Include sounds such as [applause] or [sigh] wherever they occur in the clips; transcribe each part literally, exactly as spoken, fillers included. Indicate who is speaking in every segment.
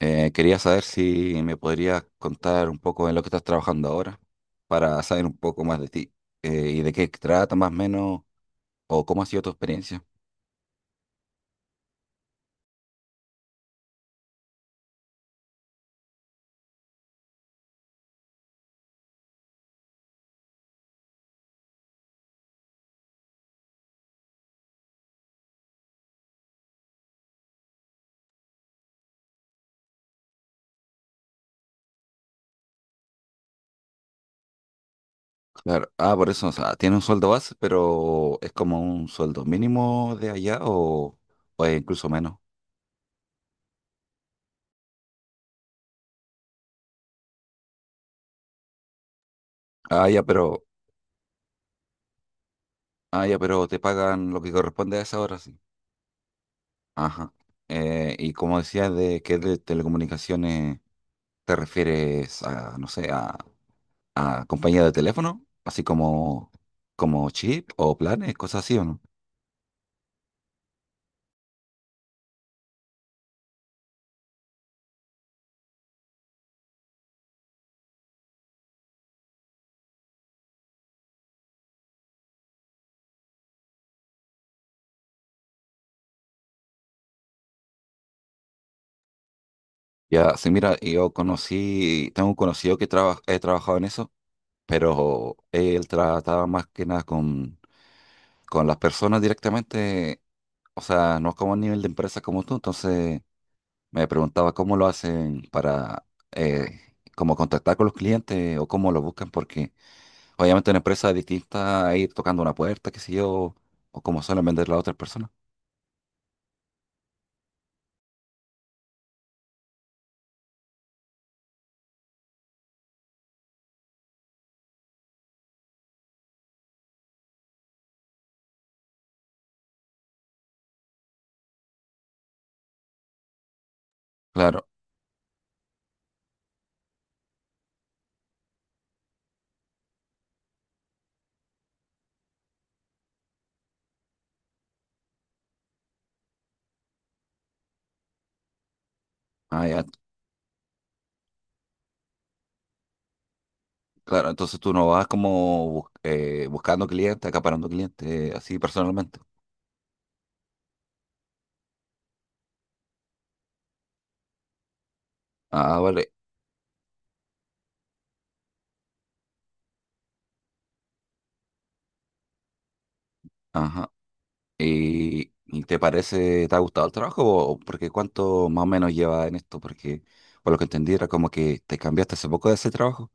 Speaker 1: Eh, quería saber si me podrías contar un poco en lo que estás trabajando ahora para saber un poco más de ti eh, y de qué trata más o menos o cómo ha sido tu experiencia. Claro, ah, por eso, o sea, tiene un sueldo base, pero es como un sueldo mínimo de allá o, o es incluso menos. Ah, ya, pero, ah, ya, pero te pagan lo que corresponde a esa hora, sí. Ajá. Eh, y como decías de que de telecomunicaciones, ¿te refieres a, no sé, a a compañía de teléfono, así como, como chip o planes, cosas así, ¿o no? Ya, sí, mira, yo conocí, tengo un conocido que traba- he trabajado en eso, pero él trataba más que nada con, con las personas directamente, o sea, no como a nivel de empresa como tú, entonces me preguntaba cómo lo hacen para, eh, como contactar con los clientes o cómo lo buscan, porque obviamente una empresa es distinta a ir tocando una puerta, qué sé yo, o como suelen vender las otras personas. Claro, ah, ya. Claro, entonces tú no vas como bus- eh, buscando clientes, acaparando clientes, eh, así personalmente. Ah, vale. Ajá. ¿Y y te parece, te ha gustado el trabajo? o- Porque cuánto más o menos lleva en esto, porque por lo que entendí era como que te cambiaste hace poco de ese trabajo.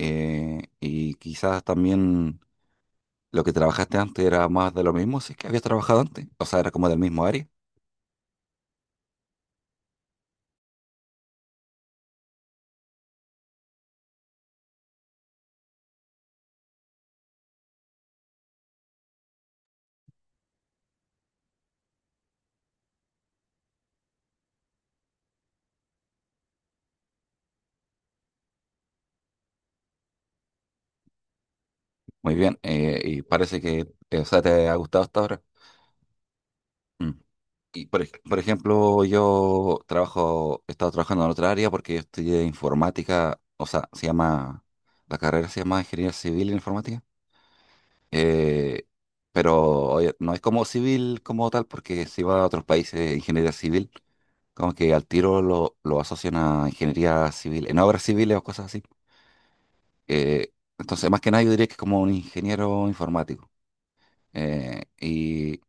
Speaker 1: eh, y quizás también lo que trabajaste antes era más de lo mismo, si es que habías trabajado antes. O sea, era como del mismo área. Muy bien. eh, y parece que, eh, o sea, te ha gustado hasta ahora. Mm. Y por, ej- por ejemplo, yo trabajo, he estado trabajando en otra área porque yo estudié informática, o sea, se llama, la carrera se llama Ingeniería Civil en Informática, eh, pero oye, no es como civil como tal porque si va a otros países, ingeniería civil, como que al tiro lo, lo asocian a ingeniería civil, en obras civiles o cosas así. Eh, entonces, más que nada, yo diría que es como un ingeniero informático. Eh, y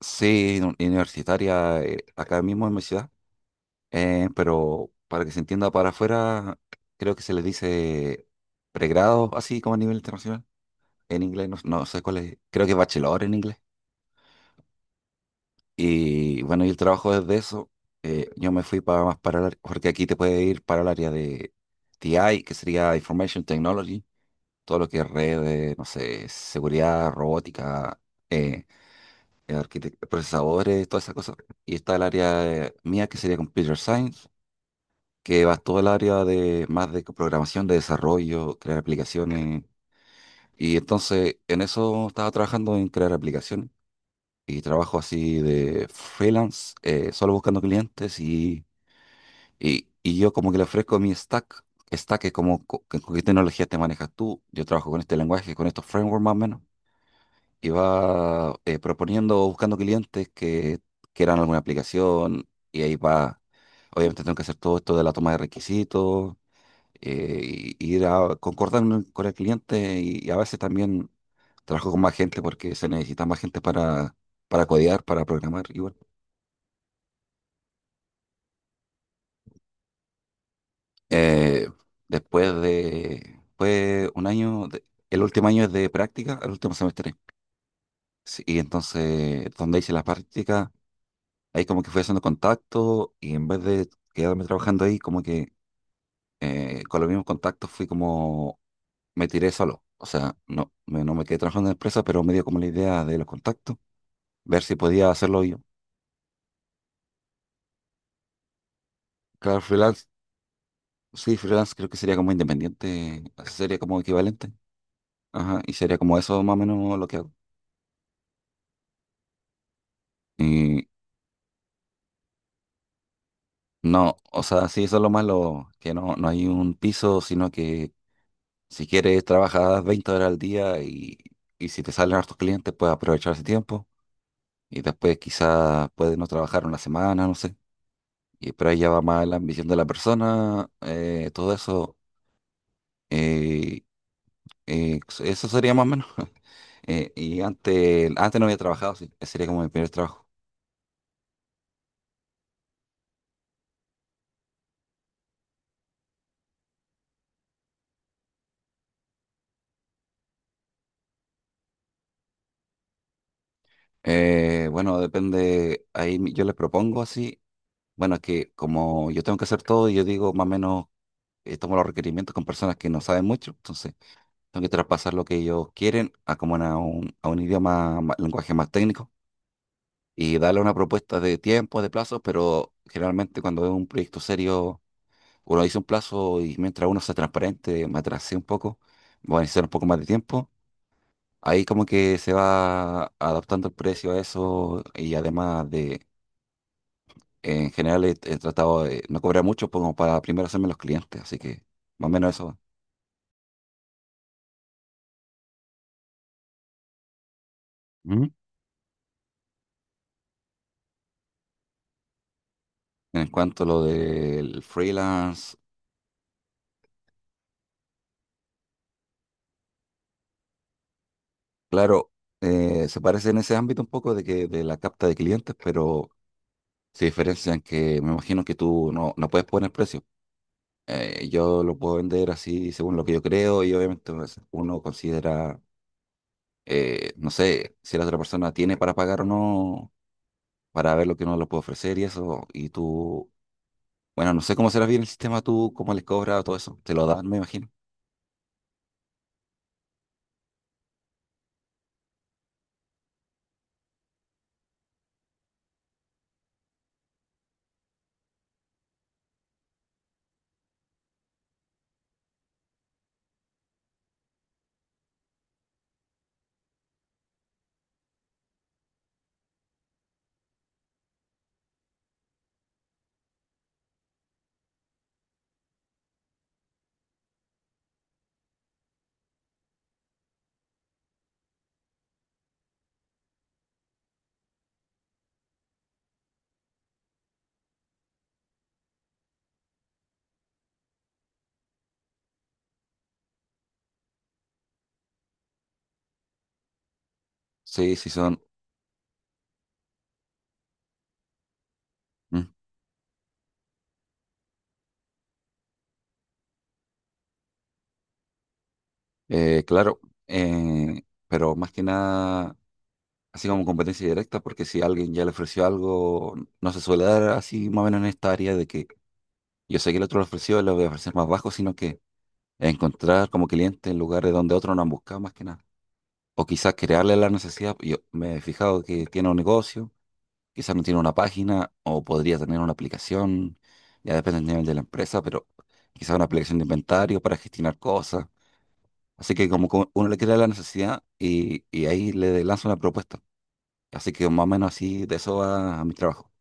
Speaker 1: sí, un- universitaria, eh, acá mismo en mi ciudad. Eh, pero para que se entienda para afuera, creo que se les dice pregrado, así como a nivel internacional, en inglés, no, no sé cuál es, creo que es bachelor en inglés. Y bueno, y el trabajo desde eso, eh, yo me fui para más para el área- porque aquí te puede ir para el área de T I, que sería Information Technology, todo lo que es redes, no sé, seguridad, robótica, eh, arquitect- procesadores, todas esas cosas. Y está el área eh, mía, que sería Computer Science que va todo el área de más de programación, de desarrollo, crear aplicaciones. Y entonces en eso estaba trabajando en crear aplicaciones y trabajo así de freelance, eh, solo buscando clientes y, y, y yo como que le ofrezco mi stack. Stack es como co- que- con qué tecnología te manejas tú. Yo trabajo con este lenguaje, con estos frameworks más o menos. Y va eh, proponiendo, buscando clientes que quieran alguna aplicación y ahí va. Obviamente tengo que hacer todo esto de la toma de requisitos eh, y- ir a concordar un- con el cliente y, y a veces también trabajo con más gente porque se necesita más gente para, para codear, para programar igual. Eh, Después de fue un año, de- el último año es de práctica, el último semestre. Sí, y entonces donde hice las prácticas, ahí como que fui haciendo contacto y en vez de quedarme trabajando ahí, como que eh, con los mismos contactos fui como me tiré solo. O sea, no me, no me quedé trabajando en la empresa, pero me dio como la idea de los contactos. Ver si podía hacerlo yo. Claro, freelance, sí, freelance creo que sería como independiente, sería como equivalente. Ajá, y sería como eso más o menos lo que hago. Y no, o sea, sí, eso es lo malo, que no, no hay un piso, sino que si quieres trabajas veinte horas al día y, y si te salen hartos clientes puedes aprovechar ese tiempo y después quizás puedes no trabajar una semana, no sé. Y, pero ahí ya va más la ambición de la persona, eh, todo eso. eh, Eh, pues, eso sería más o menos. [laughs] Eh, y antes, antes, no había trabajado, sí. Ese sería como mi primer trabajo. Eh, bueno, depende, ahí mi- yo les propongo así, bueno, es que como yo tengo que hacer todo, yo digo más o menos, eh, tomo los requerimientos con personas que no saben mucho, entonces tengo que traspasar lo que ellos quieren a como una- a un, a un idioma, ma- lenguaje más técnico y darle una propuesta de tiempo, de plazos, pero generalmente cuando es un proyecto serio o lo hice un plazo y mientras uno sea transparente, me atrasé un poco, voy a necesitar un poco más de tiempo. Ahí como que se va adaptando el precio a eso y además de, en general he, he tratado de no cobrar mucho como para primero hacerme los clientes, así que más o menos eso. Va. Ujú. En cuanto a lo del freelance, claro, eh, se parece en ese ámbito un poco de que de la capta de clientes, pero se diferencian que me imagino que tú no, no puedes poner precio. Eh, yo lo puedo vender así según lo que yo creo y obviamente pues, uno considera, eh, no sé, si la otra persona tiene para pagar o no, para ver lo que uno le puede ofrecer y eso. Y tú, bueno, no sé cómo será bien el sistema, tú, cómo les cobras o todo eso. Te lo dan, me imagino. Sí, sí son. Mm. Eh, claro, eh, pero más que nada, así como competencia directa, porque si alguien ya le ofreció algo, no se suele dar así más o menos en esta área de que yo sé que el otro le ofreció, le voy a ofrecer más bajo, sino que encontrar como clientes en lugares donde otros no han buscado más que nada. O quizás crearle la necesidad. Yo me he fijado que tiene un negocio, quizás no tiene una página o podría tener una aplicación, ya depende del nivel de la empresa, pero quizás una aplicación de inventario para gestionar cosas. Así que como que uno le crea la necesidad y, y ahí le lanza una propuesta. Así que más o menos así de eso va a mi trabajo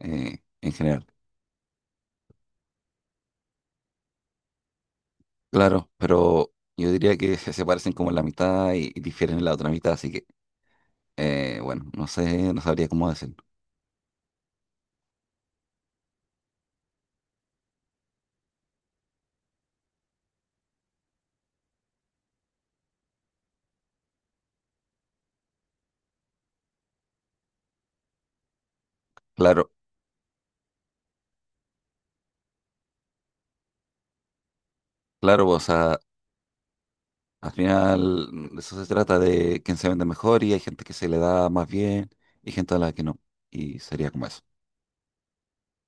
Speaker 1: eh, en general. Claro, pero yo diría que [laughs] se se parecen como en la mitad y, y difieren en la otra mitad, así que Eh, bueno, no sé, no sabría cómo decirlo. Claro, claro, pues, o sea, al final mm, de eso se trata de quién se vende mejor y hay gente que se le da más bien y gente a la que no. Y sería como eso.